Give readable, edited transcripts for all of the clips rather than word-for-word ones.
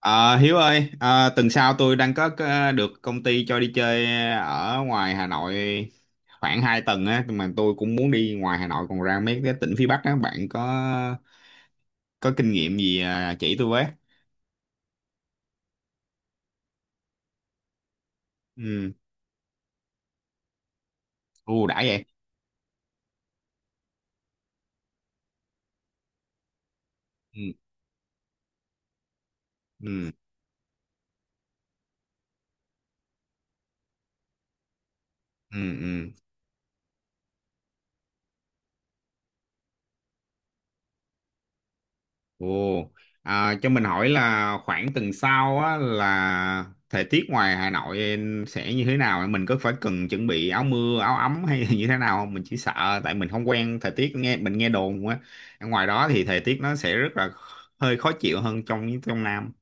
Ờ, Hiếu ơi, tuần sau tôi đang có được công ty cho đi chơi ở ngoài Hà Nội khoảng 2 tuần á, nhưng mà tôi cũng muốn đi ngoài Hà Nội còn ra mấy cái tỉnh phía Bắc á, bạn có kinh nghiệm gì à, chỉ tôi với? Ừ, ưu đãi vậy. Ừ, ừ, ừ, ừ. Ồ, à, cho mình hỏi là khoảng tuần sau á, là thời tiết ngoài Hà Nội sẽ như thế nào? Mình có phải cần chuẩn bị áo mưa, áo ấm hay là như thế nào không? Mình chỉ sợ tại mình không quen thời tiết, nghe mình nghe đồn á. Ở ngoài đó thì thời tiết nó sẽ rất là hơi khó chịu hơn trong trong Nam.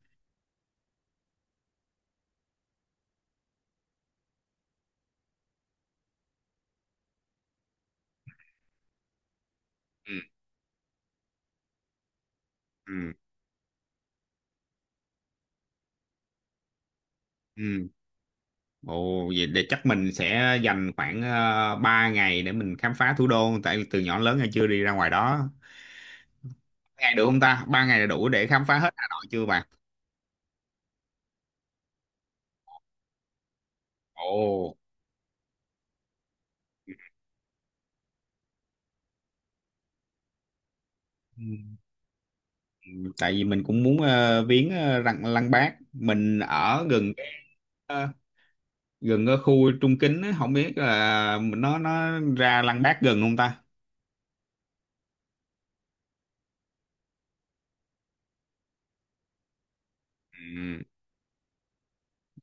Ừ, ừ, ừ. Ồ, vậy để chắc mình sẽ dành khoảng 3 ngày để mình khám phá thủ đô, tại từ nhỏ đến lớn hay chưa đi ra ngoài đó. Ngày được không ta? 3 ngày là đủ để khám phá hết Hà Nội chưa bạn? Ồ. Tại vì mình cũng muốn viếng lăng lăng Bác, mình ở gần cái, ờ, gần cái khu Trung Kính á, không biết là nó ra lăng Bác gần không ta. Ừ.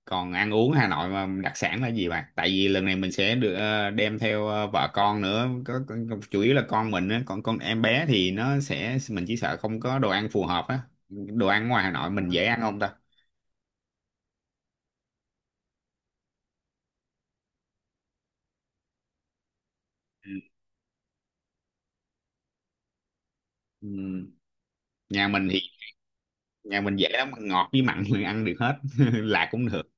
Còn ăn uống Hà Nội mà đặc sản là gì bạn, tại vì lần này mình sẽ được đem theo vợ con nữa, chủ yếu là con mình á, còn con em bé thì nó sẽ, mình chỉ sợ không có đồ ăn phù hợp á. Đồ ăn ngoài Hà Nội mình dễ ăn không ta? Ừ. Ừ. nhà mình thì nhà mình dễ lắm, ngọt với mặn mình ăn được hết lạc cũng được.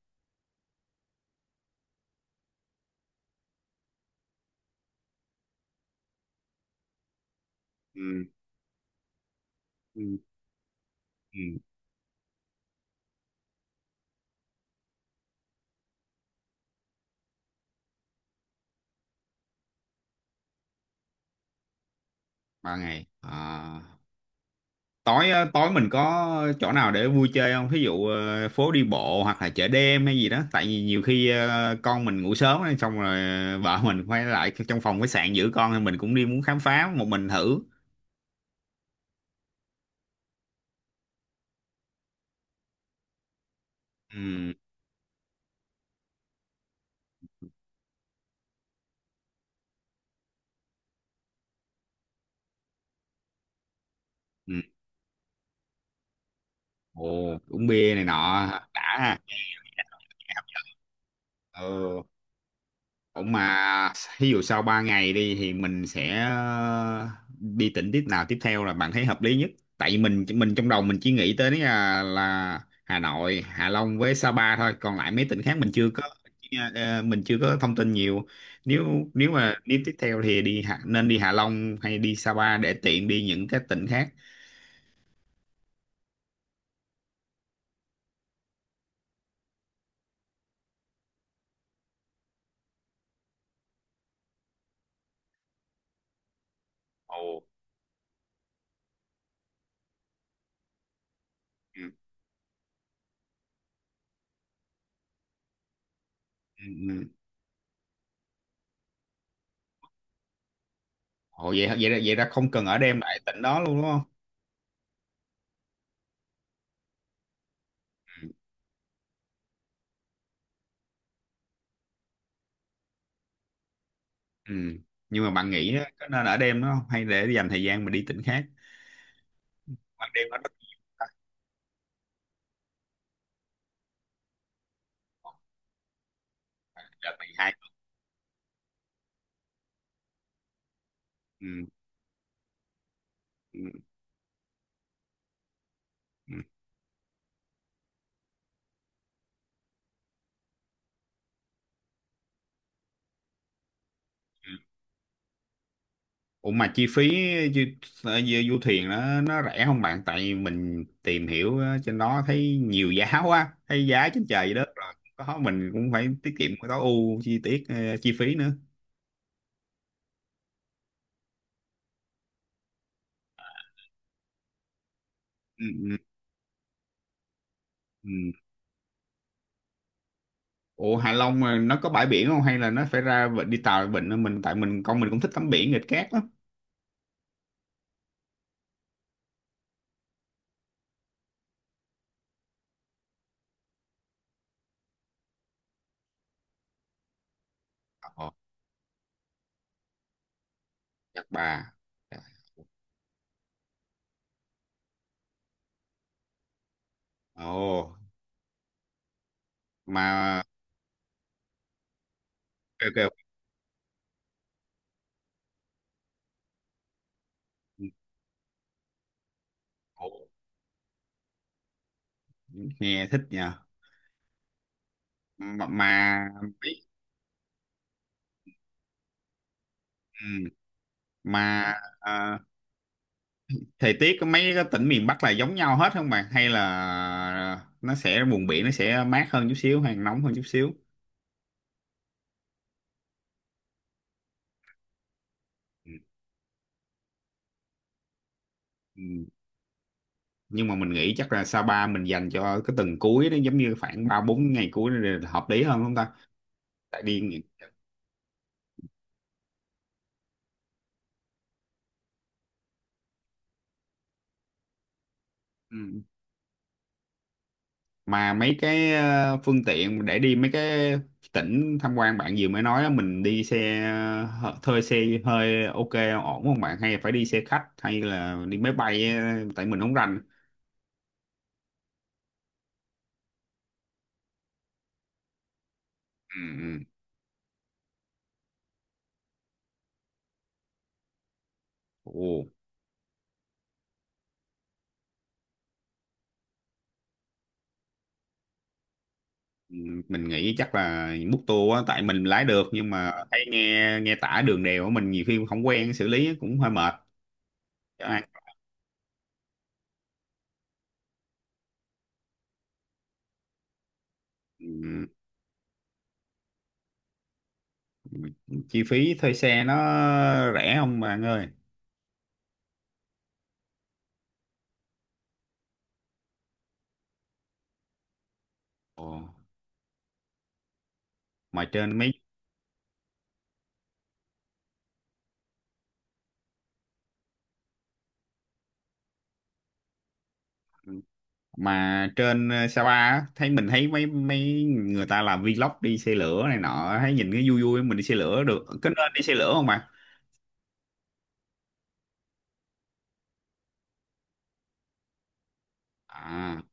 Ừ. Ừ, 3 ngày à? Tối á, tối mình có chỗ nào để vui chơi không, thí dụ phố đi bộ hoặc là chợ đêm hay gì đó, tại vì nhiều khi con mình ngủ sớm á, xong rồi vợ mình quay lại trong phòng khách sạn giữ con thì mình cũng đi muốn khám phá một mình thử. Ừ, ừ. Ồ, uống bia này nọ đã ha. Ừ. Ủa mà ví dụ sau 3 ngày đi thì mình sẽ đi tỉnh tiếp nào tiếp theo là bạn thấy hợp lý nhất? Tại vì mình trong đầu mình chỉ nghĩ tới là Hà Nội, Hạ Long với Sa Pa thôi, còn lại mấy tỉnh khác mình chưa có thông tin nhiều. Nếu nếu mà đi tiếp theo thì nên đi Hạ Long hay đi Sa Pa để tiện đi những cái tỉnh khác. Ồ. Ừ. Ừ, ừ. Ồ, vậy vậy ra không cần ở đêm lại tỉnh đó luôn đúng không? Ừ. Nhưng mà bạn nghĩ á, có nên ở đêm nó không? Hay để dành thời gian mà đi tỉnh khác? Ban đêm nó rất nhiều ta. Đợt này hai. Ừ. Ừ. Ừ. Ủa mà chi phí du, du thuyền nó rẻ không bạn? Tại mình tìm hiểu á, trên đó thấy nhiều giá quá, thấy giá trên trời dưới đất rồi. Có mình cũng phải tiết kiệm, cái tối ưu chi tiết chi phí nữa. Ừ, ừ, ừ. Ủa Hạ Long mà nó có bãi biển không hay là nó phải đi tàu vịnh, mình tại mình con mình cũng thích tắm biển nghịch cát lắm. Ồ, Nhật Bà. Ồ, mà kêu kêu Ồ, nghe thích nha. Mà, mấy- ừ, mà à, thời tiết của mấy cái tỉnh miền Bắc là giống nhau hết không bạn? Hay là nó sẽ vùng biển nó sẽ mát hơn chút xíu hay nóng hơn chút xíu? Ừ, ừ. Nhưng mà mình nghĩ chắc là Sapa mình dành cho cái tuần cuối đó, giống như khoảng 3-4 ngày cuối đó là hợp lý hơn không ta? Tại đi ừ. Mà mấy cái phương tiện để đi mấy cái tỉnh tham quan bạn vừa mới nói á, mình đi xe thuê xe hơi ok ổn không bạn, hay phải đi xe khách hay là đi máy bay á, tại mình không rành. Ừ, ừ. Ồ, ừ, mình nghĩ chắc là múc tour á, tại mình lái được nhưng mà thấy nghe nghe tả đường đèo á, mình nhiều khi không quen xử lý cũng hơi mệt. Cho nên, ừ, chi phí thuê xe nó rẻ không bạn ơi? Ồ, mà trên mấy ừ, mà trên Sapa á, mình thấy mấy mấy người ta làm vlog đi xe lửa này nọ, thấy nhìn cái vui vui, mình đi xe lửa được, có nên đi xe lửa không bạn? À,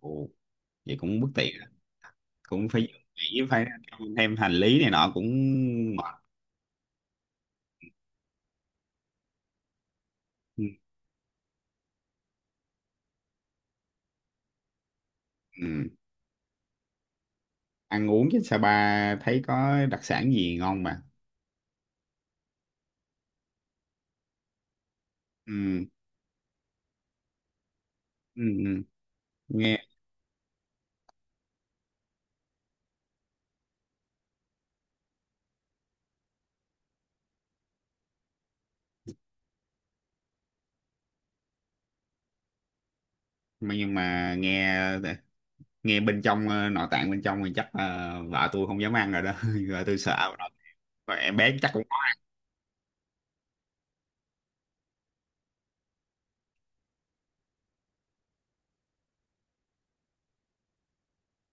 ồ, vậy cũng bất tiện, cũng phải nghĩ phải thêm hành lý này nọ cũng mệt. Ừ. Ừ. Ăn uống trên Sapa thấy có đặc sản gì ngon mà. Ừ. Ừ. Ừ. nghe mà nhưng mà nghe nghe bên trong nội tạng bên trong thì chắc vợ tôi không dám ăn rồi đó, vợ tôi sợ rồi, em bé chắc cũng.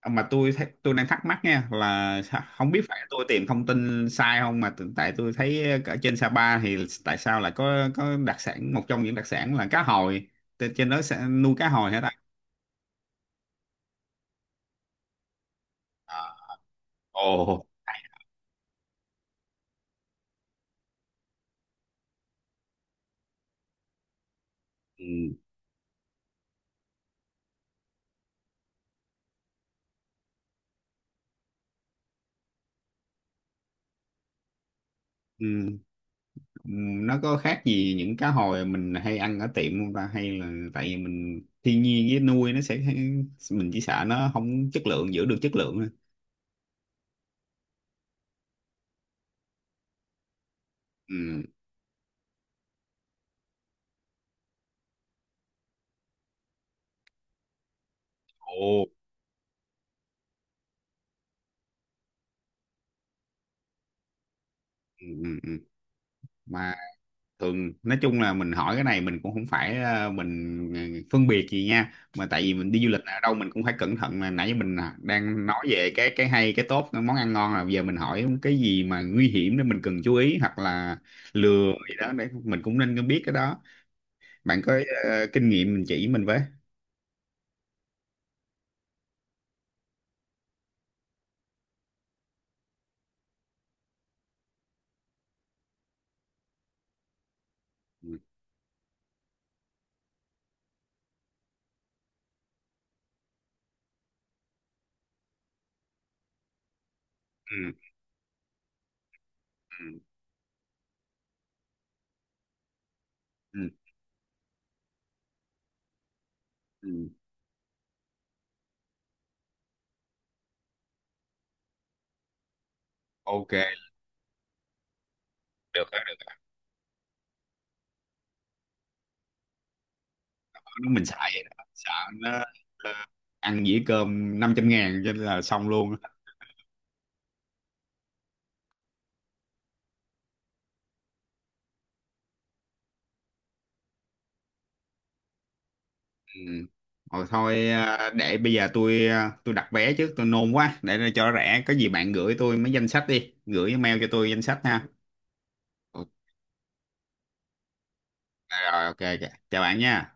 Mà tôi đang thắc mắc nha, là không biết phải tôi tìm thông tin sai không, mà tại tôi thấy ở trên Sapa thì tại sao lại có đặc sản, một trong những đặc sản là cá hồi, trên trên đó sẽ nuôi cá hồi hết á. À, ồ, ừ, ừ, ừ, nó có khác gì những cá hồi mình hay ăn ở tiệm không ta, hay là tại vì mình thiên nhiên với nuôi nó sẽ, mình chỉ sợ nó không chất lượng, giữ được chất lượng thôi. Ừ. Ồ, ừ, ừ, ừ. Mà thường nói chung là mình hỏi cái này mình cũng không phải mình phân biệt gì nha, mà tại vì mình đi du lịch ở đâu mình cũng phải cẩn thận, mà nãy giờ mình đang nói về cái hay cái tốt cái món ăn ngon, là giờ mình hỏi cái gì mà nguy hiểm để mình cần chú ý, hoặc là lừa gì đó để mình cũng nên biết cái đó. Bạn có kinh nghiệm mình chỉ mình với. Ừ, ừ, ừ, ừ. Ok, được đó, được đó. Mình xài vậy đó sợ nó ăn dĩa cơm 500.000 cho nên là xong luôn. Ừ. Rồi thôi à, để bây giờ tôi đặt vé trước, tôi nôn quá để nó cho rẻ, có gì bạn gửi tôi mấy danh sách đi, gửi email cho tôi danh sách ha. Ok rồi, ok ok. Chào bạn nha.